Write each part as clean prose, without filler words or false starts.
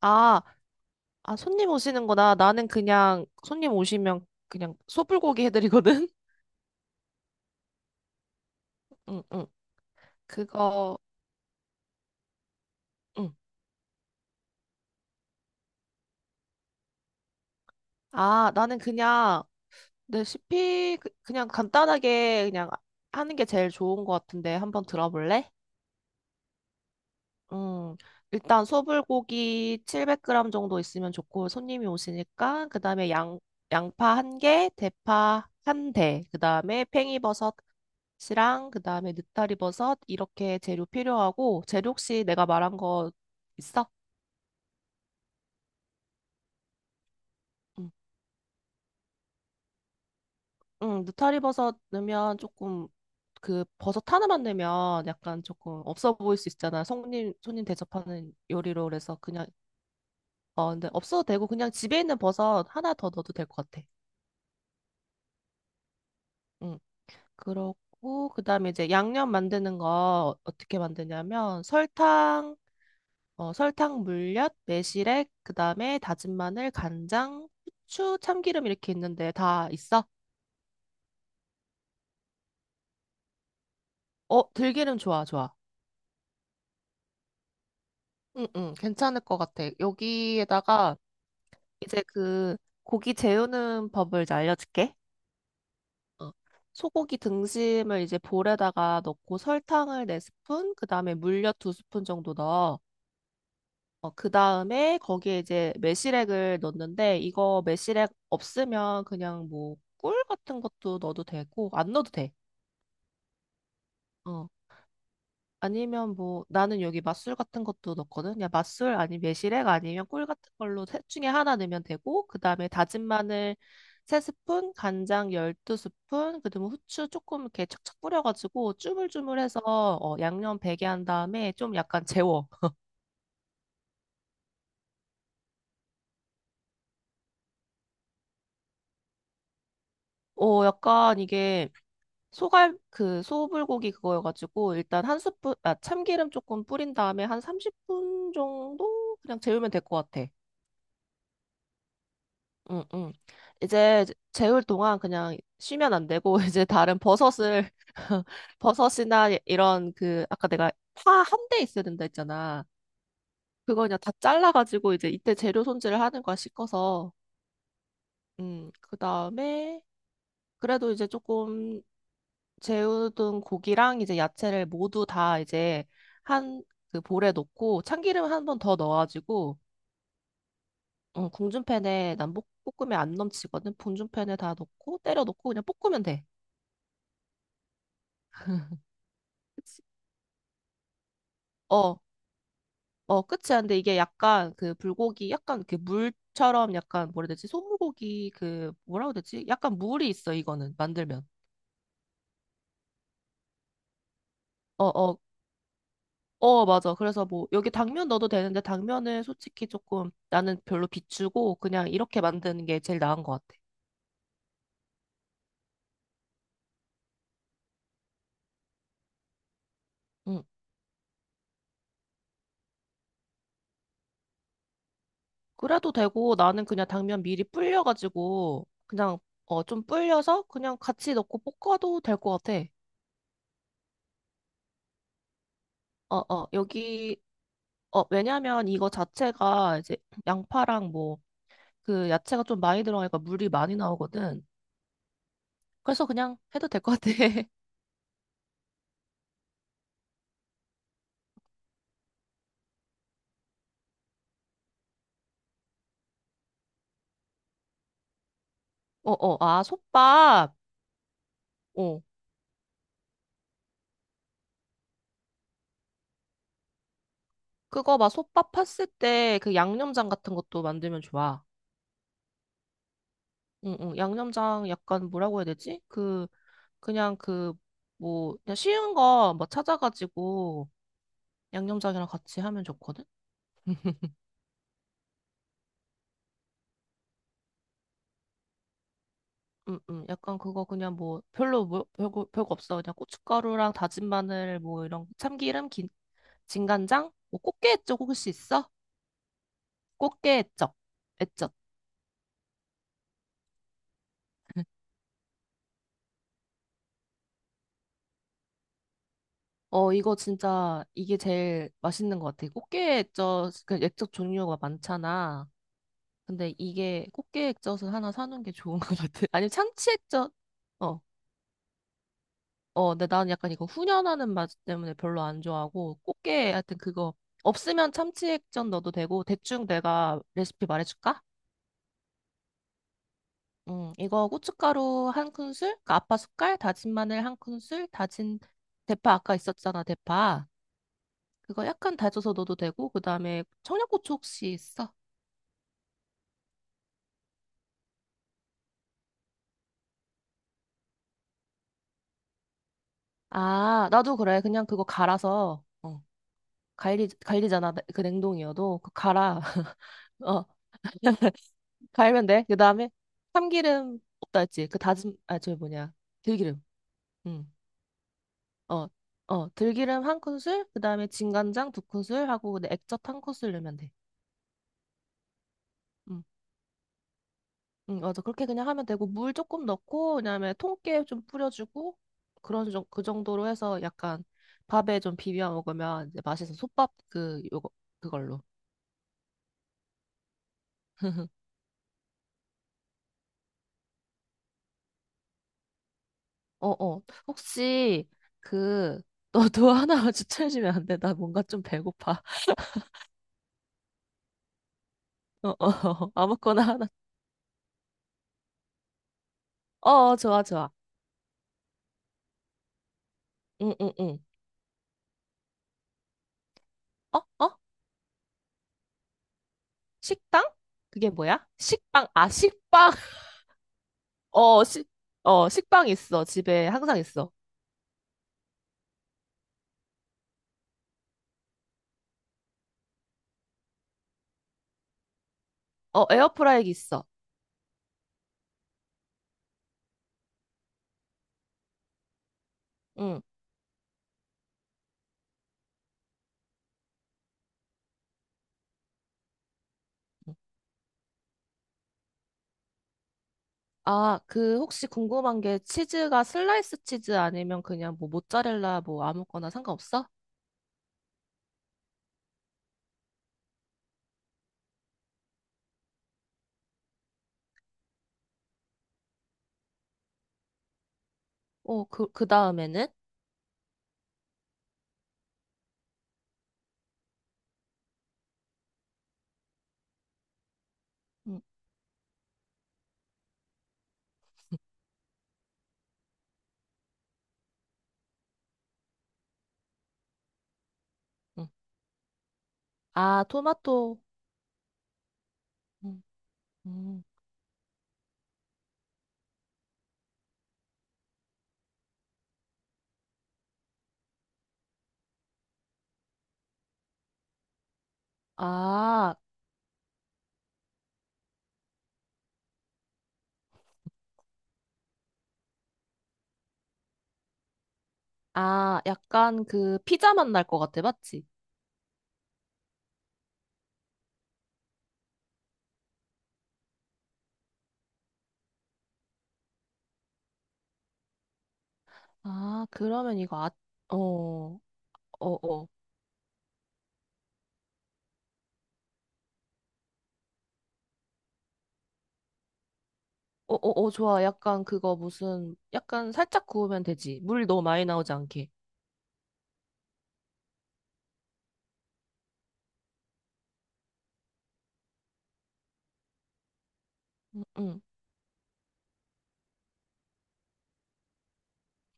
아, 아, 손님 오시는구나. 나는 그냥 손님 오시면 그냥 소불고기 해드리거든. 응, 응. 그거, 응. 아, 나는 그냥 레시피 그냥 간단하게 그냥 하는 게 제일 좋은 것 같은데 한번 들어볼래? 음, 일단 소불고기 700g 정도 있으면 좋고 손님이 오시니까 그다음에 양 양파 한 개, 대파 한 대, 그다음에 팽이버섯이랑 그다음에 느타리버섯 이렇게 재료 필요하고 재료 혹시 내가 말한 거 있어? 응, 응, 느타리버섯 넣으면 조금 그 버섯 하나만 넣으면 약간 조금 없어 보일 수 있잖아. 손님 대접하는 요리로 그래서 그냥. 근데 없어도 되고 그냥 집에 있는 버섯 하나 더 넣어도 될 것 같아. 응. 그렇고 그다음에 이제 양념 만드는 거 어떻게 만드냐면 설탕 물엿, 매실액, 그다음에 다진 마늘, 간장, 후추, 참기름 이렇게 있는데 다 있어? 어, 들기름 좋아, 좋아. 응, 응, 괜찮을 것 같아. 여기에다가 이제 그 고기 재우는 법을 이제 알려줄게. 어, 소고기 등심을 이제 볼에다가 넣고 설탕을 4스푼 그다음에 물엿 2스푼 정도 넣어. 그 다음에 거기에 이제 매실액을 넣는데 이거 매실액 없으면 그냥 뭐 꿀 같은 것도 넣어도 되고 안 넣어도 돼. 어. 아니면 뭐 나는 여기 맛술 같은 것도 넣거든. 그냥 맛술 아니면 매실액 아니면 꿀 같은 걸로 셋 중에 하나 넣으면 되고 그 다음에 다진 마늘 3스푼, 간장 12스푼, 그다음에 후추 조금 이렇게 척척 뿌려가지고 쭈물쭈물해서 양념 배게 한 다음에 좀 약간 재워. 약간 이게 소갈 그 소불고기 그거여가지고 일단 1스푼 참기름 조금 뿌린 다음에 한 30분 정도 그냥 재우면 될 것 같아. 응, 응. 이제 재울 동안 그냥 쉬면 안 되고 이제 다른 버섯을 버섯이나 이런 그 아까 내가 파 한 대 있어야 된다 했잖아. 그거 그냥 다 잘라가지고 이제 이때 재료 손질을 하는 거야 씻어서. 그 다음에 그래도 이제 조금 재우둔 고기랑 이제 야채를 모두 다 이제 한 그 볼에 넣고 참기름 한 번 더 넣어가지고 궁중팬에 난 볶으면 안 넘치거든. 궁중팬에 다 넣고 때려 넣고 그냥 볶으면 돼. 그치? 어, 어, 끝이야. 근데 이게 약간 그 불고기 약간 그 물처럼 약간 뭐라 해야 되지? 소불고기 그 뭐라고 해야 되지? 약간 물이 있어 이거는 만들면. 어, 어, 어, 맞아. 그래서 뭐 여기 당면 넣어도 되는데 당면은 솔직히 조금 나는 별로 비추고 그냥 이렇게 만드는 게 제일 나은 것 같아. 응. 그래도 되고 나는 그냥 당면 미리 불려가지고 그냥 좀 불려서 그냥 같이 넣고 볶아도 될 것 같아. 어, 어. 여기 어 왜냐면 이거 자체가 이제 양파랑 뭐 그 야채가 좀 많이 들어가니까 물이 많이 나오거든. 그래서 그냥 해도 될 것 같아. 어, 어, 아, 솥밥. 어 그거 막 솥밥 팠을 때 그 양념장 같은 것도 만들면 좋아. 응응 양념장 약간 뭐라고 해야 되지? 그냥 뭐, 그냥 쉬운 거 뭐 찾아가지고 양념장이랑 같이 하면 좋거든? 약간 그거 그냥 뭐 별로 뭐, 별거, 별거 없어. 그냥 고춧가루랑 다진 마늘 뭐 이런 참기름, 진간장? 뭐 꽃게 액젓 혹시 있어? 꽃게 액젓. 액젓. 이거 진짜 이게 제일 맛있는 것 같아. 꽃게 액젓, 그 액젓 종류가 많잖아. 근데 이게 꽃게 액젓을 하나 사놓은 게 좋은 것 같아. 아니면 참치 액젓. 어. 근데 나는 약간 이거 훈연하는 맛 때문에 별로 안 좋아하고, 꽃게, 하여튼 그거, 없으면 참치액젓 넣어도 되고, 대충 내가 레시피 말해줄까? 이거 고춧가루 1큰술, 그러니까 아빠 숟갈, 다진 마늘 1큰술, 다진 대파 아까 있었잖아, 대파. 그거 약간 다져서 넣어도 되고, 그 다음에 청양고추 혹시 있어? 아, 나도 그래. 그냥 그거 갈아서, 갈리잖아, 그 냉동이어도. 그 갈아. 어. 갈면 돼. 그 다음에 참기름 없다 했지. 그 다진 아 저 뭐냐, 들기름. 응. 어. 들기름 1큰술, 그 다음에 진간장 2큰술 하고, 근데 액젓 1큰술 넣으면 돼. 응, 응, 맞아. 그렇게 그냥 하면 되고, 물 조금 넣고, 그다음에 통깨 좀 뿌려주고, 그 정도로 해서 약간 밥에 좀 비벼 먹으면 이제 맛있어. 솥밥 그, 요거, 그걸로. 어, 어. 혹시 그, 너도 하나만 추천해주면 안 돼? 나 뭔가 좀 배고파. 어, 어, 아무거나 하나. 어, 어, 좋아, 좋아. 응, 응, 응. 어, 어? 식당? 그게 뭐야? 식빵. 아, 식빵. 어, 식빵 있어. 집에 항상 있어. 어, 에어프라이기 있어. 응. 아, 혹시 궁금한 게 치즈가 슬라이스 치즈 아니면 그냥 뭐 모짜렐라 뭐 아무거나 상관없어? 어, 그 다음에는? 응, 응. 아, 토마토. 응, 응. 아, 아, 약간 그 피자 맛날 것 같아. 맞지? 아, 그러면 이거 아, 어, 어, 어. 어, 어, 어, 좋아. 약간 그거 무슨, 약간 살짝 구우면 되지. 물 너무 많이 나오지 않게. 응, 응.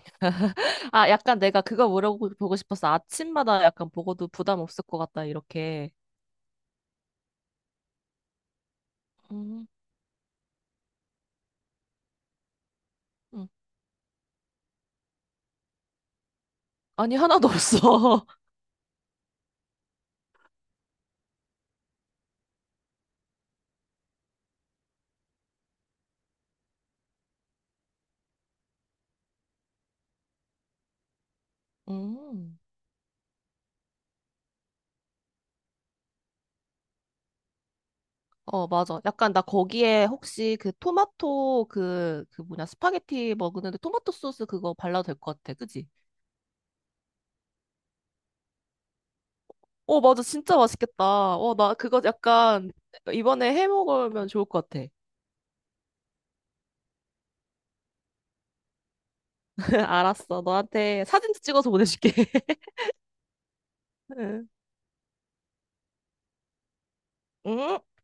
아, 약간 내가 그거 물어보고 싶었어. 아침마다 약간 보고도 부담 없을 것 같다, 이렇게. 음, 음. 아니, 하나도 없어. 음. 어, 맞아. 약간 나 거기에 혹시 그 토마토 그 뭐냐, 스파게티 먹는데 토마토 소스 그거 발라도 될 것 같아. 그지? 어, 맞아. 진짜 맛있겠다. 어, 나 그거 약간 이번에 해 먹으면 좋을 것 같아. 알았어. 너한테 사진도 찍어서 보내줄게. 응. 응?